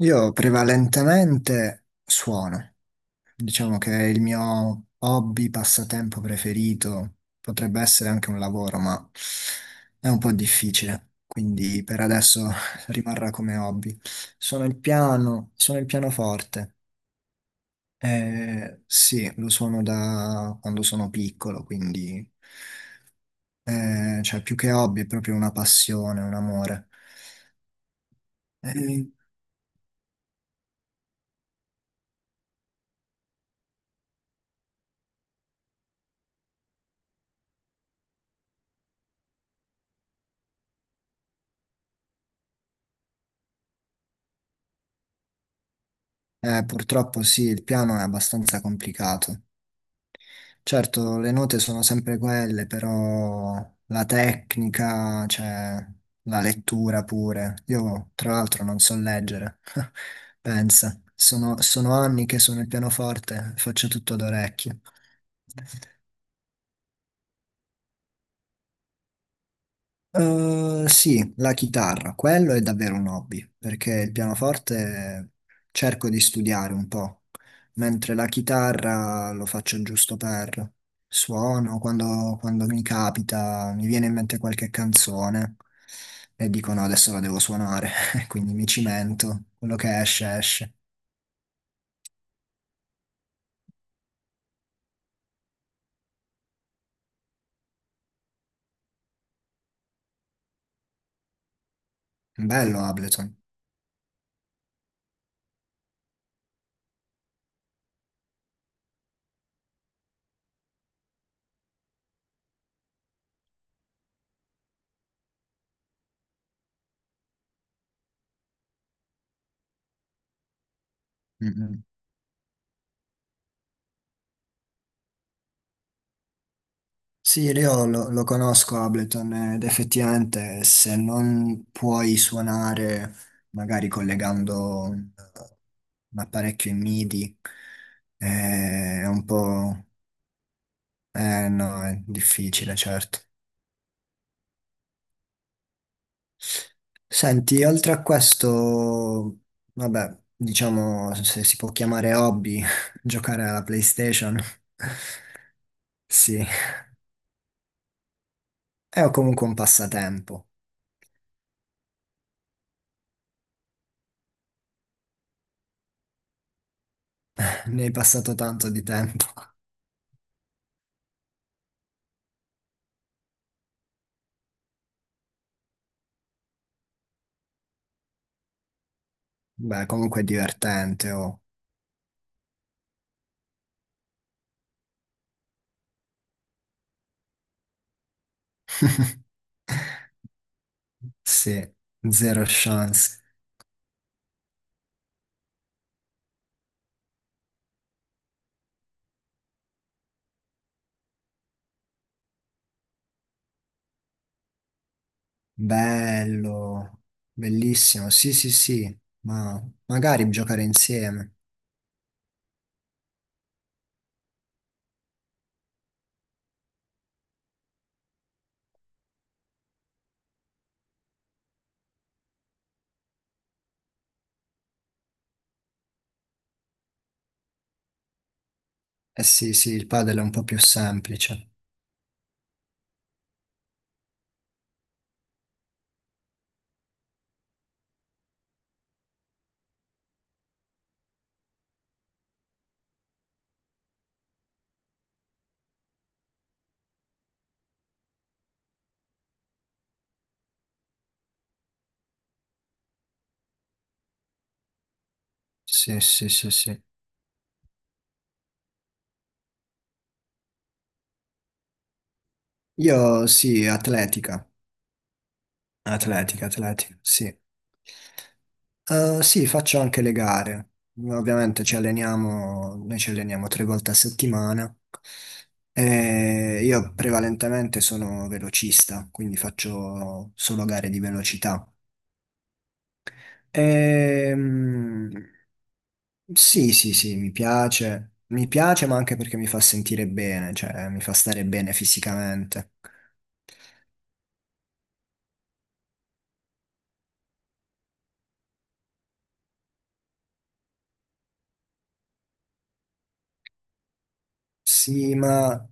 Io prevalentemente suono, diciamo che il mio hobby, passatempo preferito, potrebbe essere anche un lavoro, ma è un po' difficile, quindi per adesso rimarrà come hobby. Suono il piano, suono il pianoforte, sì, lo suono da quando sono piccolo, quindi cioè più che hobby è proprio una passione, un amore. Eh, eh, purtroppo sì, il piano è abbastanza complicato. Certo, le note sono sempre quelle, però la tecnica, cioè la lettura pure. Io, tra l'altro, non so leggere. Pensa, sono anni che sono il pianoforte, faccio tutto d'orecchio. Sì, la chitarra, quello è davvero un hobby, perché il pianoforte cerco di studiare un po', mentre la chitarra lo faccio giusto per suono, quando mi capita, mi viene in mente qualche canzone e dico no, adesso la devo suonare, quindi mi cimento, quello che esce esce. Bello Ableton. Mm, mm. Sì, io lo conosco Ableton ed effettivamente se non puoi suonare magari collegando un apparecchio in MIDI è un po'. Eh no, è difficile, certo. Senti, oltre a questo, vabbè, diciamo se si può chiamare hobby, giocare alla PlayStation, sì, è comunque un passatempo, ne hai passato tanto di tempo. Beh, comunque è divertente, oh. Sì, zero chance. Bello, bellissimo. Sì, sì, sì, ma magari giocare insieme. Eh sì, sì, il padel è un po' più semplice. Sì, sì, sì, sì. Io sì, atletica. Atletica, atletica, sì. Sì, faccio anche le gare. Ovviamente ci alleniamo, noi ci alleniamo tre volte a settimana. E io prevalentemente sono velocista, quindi faccio solo gare di velocità. Ehm, sì, sì, sì, mi piace. Mi piace, ma anche perché mi fa sentire bene, cioè mi fa stare bene fisicamente. Sì, ma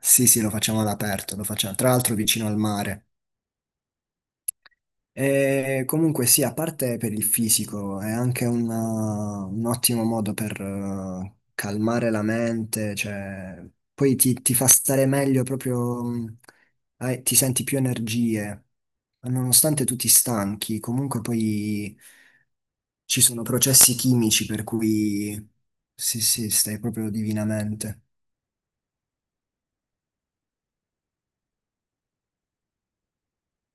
sì, sì, lo facciamo all'aperto, lo facciamo tra l'altro vicino al mare. E comunque sì, a parte per il fisico, è anche un ottimo modo per calmare la mente, cioè, poi ti fa stare meglio proprio, ti senti più energie. Ma nonostante tu ti stanchi, comunque poi ci sono processi chimici per cui sì, sì, stai proprio divinamente.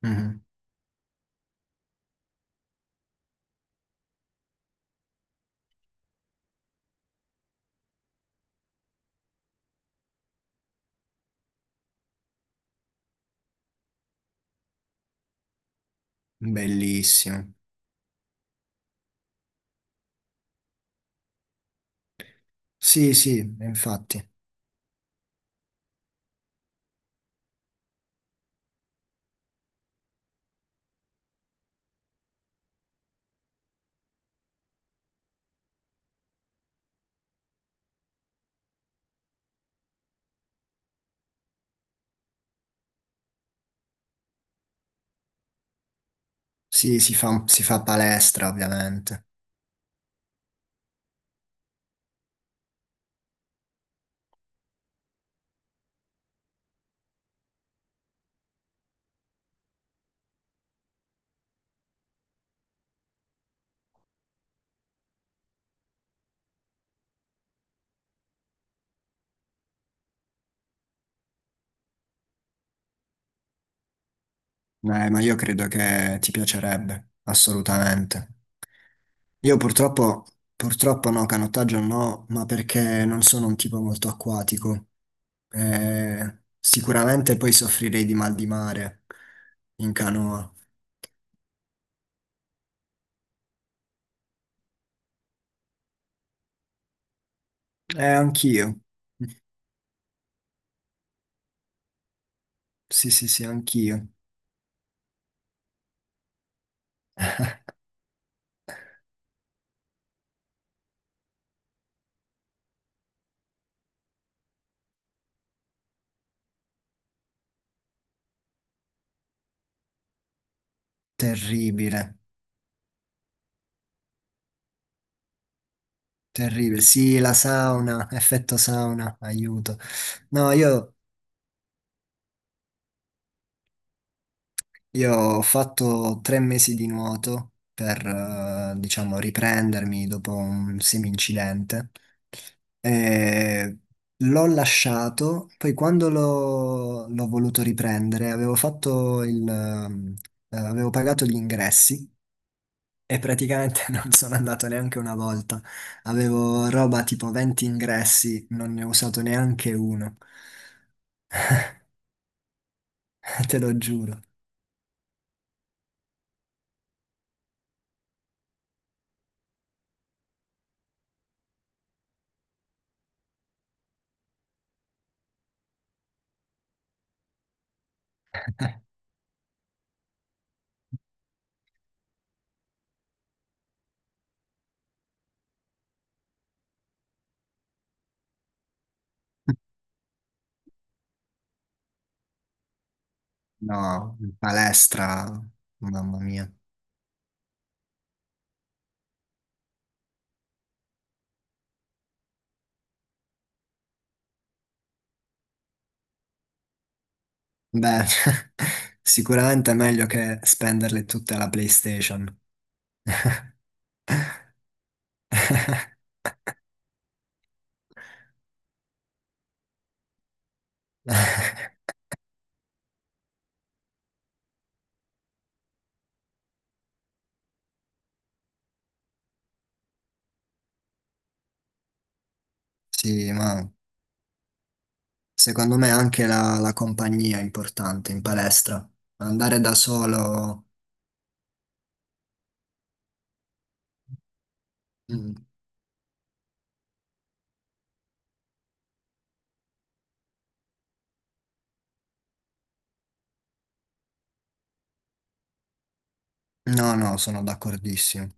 Mhm. Bellissimo. Sì, sì, infatti. Sì, si fa palestra, ovviamente. Ma io credo che ti piacerebbe, assolutamente. Io purtroppo, purtroppo no, canottaggio no, ma perché non sono un tipo molto acquatico. Sicuramente poi soffrirei di mal di mare in canoa. Anch'io. Sì, sì, sì, anch'io. Terribile, terribile. Sì, la sauna, effetto sauna, aiuto. No, io ho fatto tre mesi di nuoto per, diciamo, riprendermi dopo un semi-incidente e l'ho lasciato, poi quando l'ho voluto riprendere avevo pagato gli ingressi e praticamente non sono andato neanche una volta. Avevo roba tipo 20 ingressi, non ne ho usato neanche uno, te lo giuro. No, palestra, mamma mia. Beh, sicuramente è meglio che spenderle tutte alla PlayStation. Sì, ma secondo me anche la compagnia è importante in palestra. Andare da solo. Mm. No, no, sono d'accordissimo.